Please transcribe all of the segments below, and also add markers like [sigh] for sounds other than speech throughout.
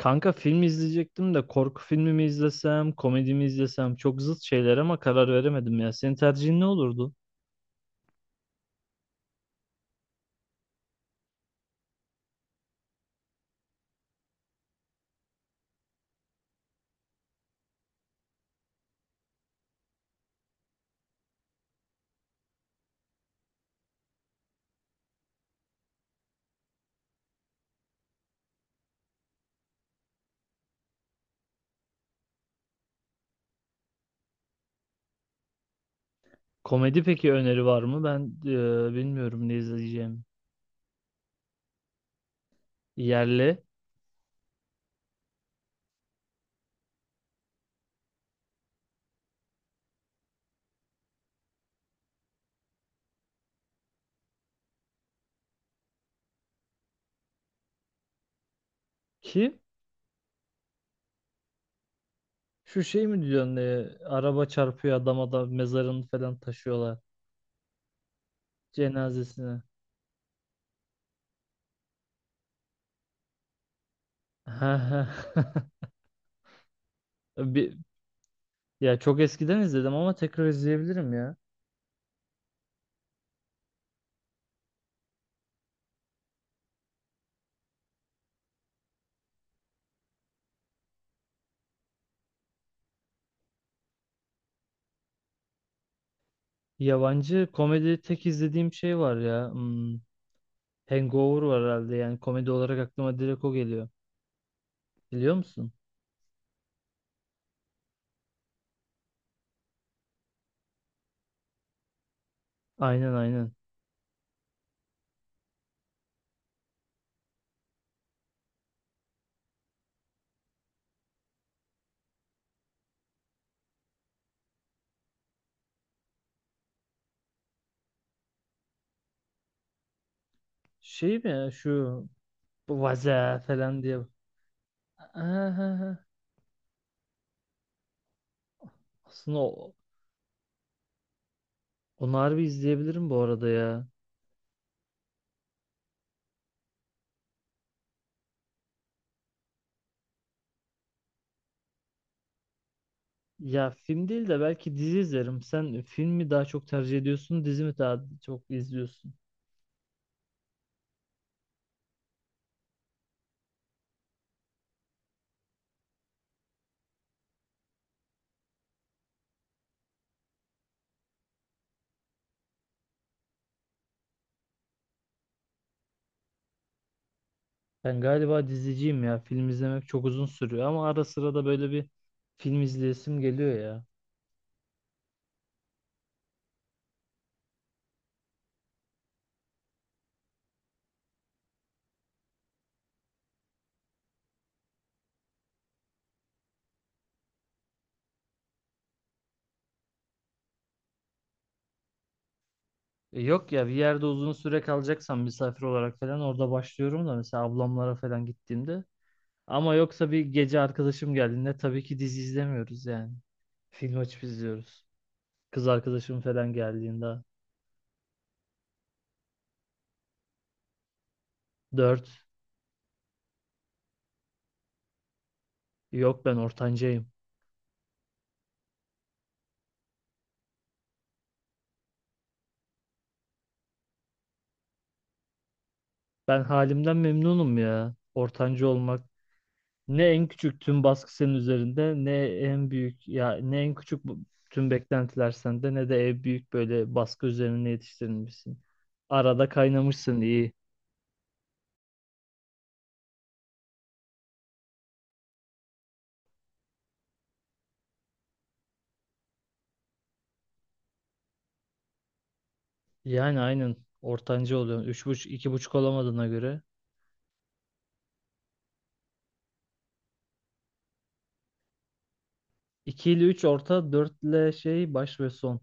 Kanka film izleyecektim de korku filmi mi izlesem, komedi mi izlesem, çok zıt şeyler ama karar veremedim ya. Senin tercihin ne olurdu? Komedi peki, öneri var mı? Ben bilmiyorum ne izleyeceğim. Yerli. Ki şu şey mi diyorsun, araba çarpıyor adama da mezarını falan taşıyorlar cenazesine. [laughs] Bir, ya çok eskiden izledim ama tekrar izleyebilirim ya. Yabancı komedi tek izlediğim şey var ya. Hmm. Hangover var herhalde, yani komedi olarak aklıma direkt o geliyor. Biliyor musun? Aynen, aynen. Şey mi ya, şu bu vaza falan diye. Aha, aslında o, onu harbi izleyebilirim bu arada ya. Ya film değil de belki dizi izlerim. Sen film mi daha çok tercih ediyorsun, dizi mi daha çok izliyorsun? Ben galiba diziciyim ya. Film izlemek çok uzun sürüyor ama ara sıra da böyle bir film izleyesim geliyor ya. E, yok ya, bir yerde uzun süre kalacaksam misafir olarak falan orada başlıyorum da, mesela ablamlara falan gittiğimde. Ama yoksa bir gece arkadaşım geldiğinde tabii ki dizi izlemiyoruz yani. Film açıp izliyoruz. Kız arkadaşım falan geldiğinde. Dört. Yok, ben ortancayım. Ben halimden memnunum ya. Ortancı olmak. Ne en küçük tüm baskı senin üzerinde, ne en büyük, ya ne en küçük bu- tüm beklentiler sende, ne de en büyük böyle baskı üzerine yetiştirilmişsin. Arada kaynamışsın, iyi. Yani aynen, ortancı oluyorsun. Üç buçuk, iki buçuk olamadığına göre. 2 ile 3 orta, 4 ile şey, baş ve son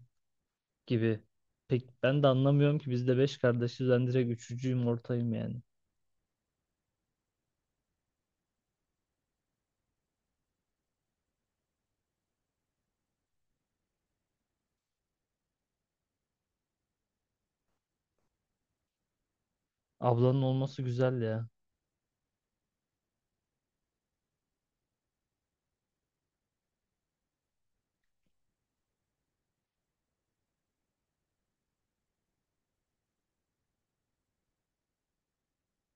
gibi. Pek ben de anlamıyorum ki, biz de 5 kardeşiz. Ben direkt üçüncüyüm, ortayım yani. Ablanın olması güzel ya.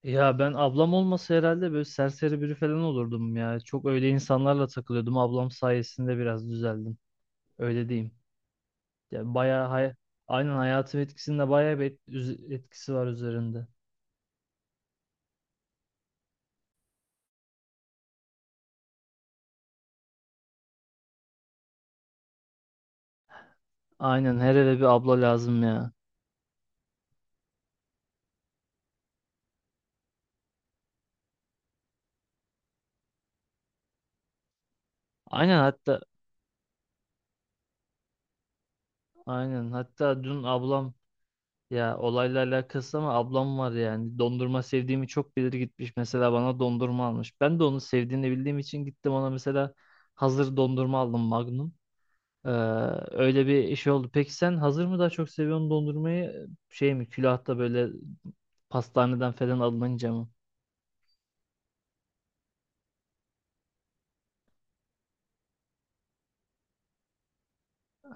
Ya ben ablam olmasa herhalde böyle serseri biri falan olurdum ya. Çok öyle insanlarla takılıyordum. Ablam sayesinde biraz düzeldim. Öyle diyeyim. Ya bayağı aynen hayatım etkisinde bayağı bir etkisi var üzerinde. Aynen, her eve bir abla lazım ya. Aynen hatta Aynen. Hatta dün ablam, ya olayla alakası, ama ablam var yani. Dondurma sevdiğimi çok bilir, gitmiş mesela bana dondurma almış. Ben de onu sevdiğini bildiğim için gittim ona, mesela hazır dondurma aldım, Magnum. Ee, öyle bir iş oldu. Peki sen hazır mı daha çok seviyorsun dondurmayı? Şey mi, külahta böyle pastaneden falan alınınca mı?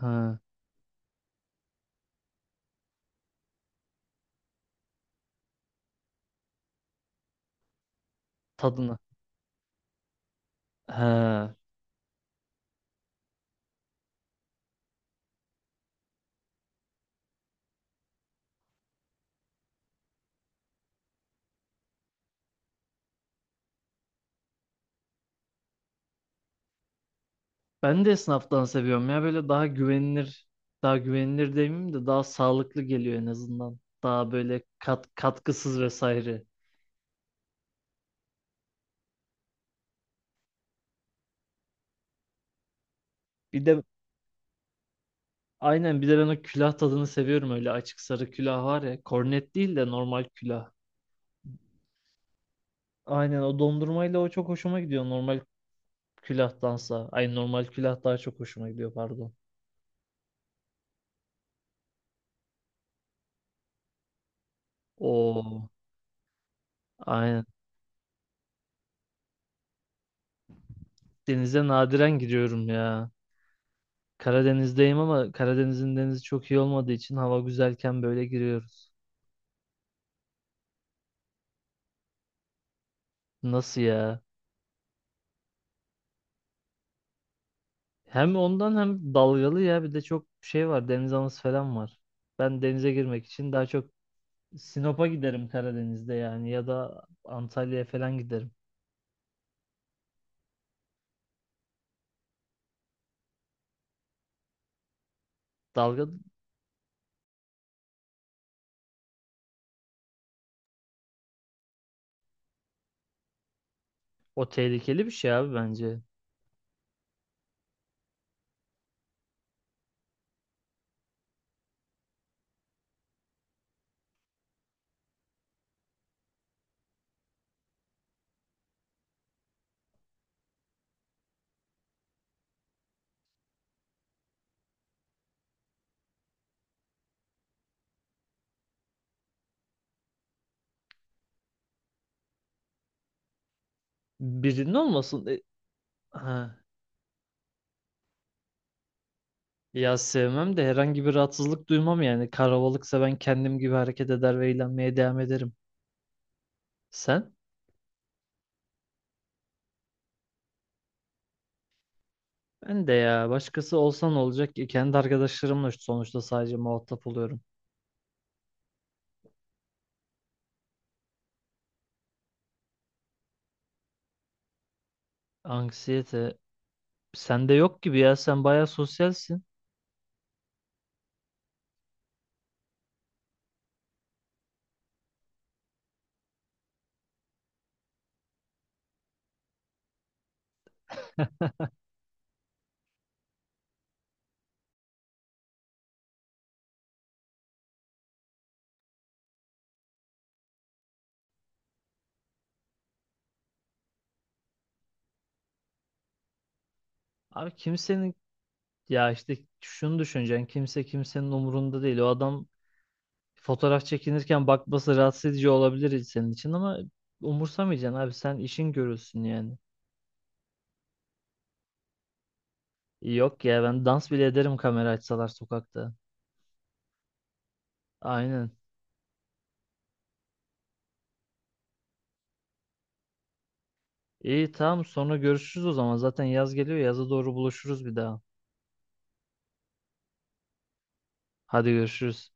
Ha, tadını. Ha. Ben de esnaftan seviyorum ya, böyle daha güvenilir. Daha güvenilir demeyeyim de, daha sağlıklı geliyor en azından. Daha böyle kat, katkısız vesaire. Bir de aynen, bir de ben o külah tadını seviyorum, öyle açık sarı külah var ya. Kornet değil de normal külah. Aynen, o dondurmayla o çok hoşuma gidiyor, normal külahtansa. Ay, normal külah daha çok hoşuma gidiyor, pardon. Oo, aynen. Denize nadiren giriyorum ya. Karadeniz'deyim ama Karadeniz'in denizi çok iyi olmadığı için hava güzelken böyle giriyoruz. Nasıl ya? Hem ondan, hem dalgalı ya, bir de çok şey var, deniz anası falan var. Ben denize girmek için daha çok Sinop'a giderim Karadeniz'de, yani ya da Antalya'ya falan giderim. Dalga, o tehlikeli bir şey abi bence. Birinin olmasın. E, ha. Ya sevmem de herhangi bir rahatsızlık duymam yani. Karavalıksa ben kendim gibi hareket eder ve eğlenmeye devam ederim. Sen? Ben de ya, başkası olsan olacak ki kendi arkadaşlarımla sonuçta sadece muhatap oluyorum. Anksiyete. Sende yok gibi ya, sen bayağı sosyalsin. Abi, kimsenin, ya işte şunu düşüneceksin: kimse kimsenin umurunda değil. O adam fotoğraf çekinirken bakması rahatsız edici olabilir senin için, ama umursamayacaksın abi, sen işin görülsün yani. Yok ya, ben dans bile ederim kamera açsalar sokakta. Aynen. İyi, tamam, sonra görüşürüz o zaman, zaten yaz geliyor, yaza doğru buluşuruz bir daha. Hadi görüşürüz.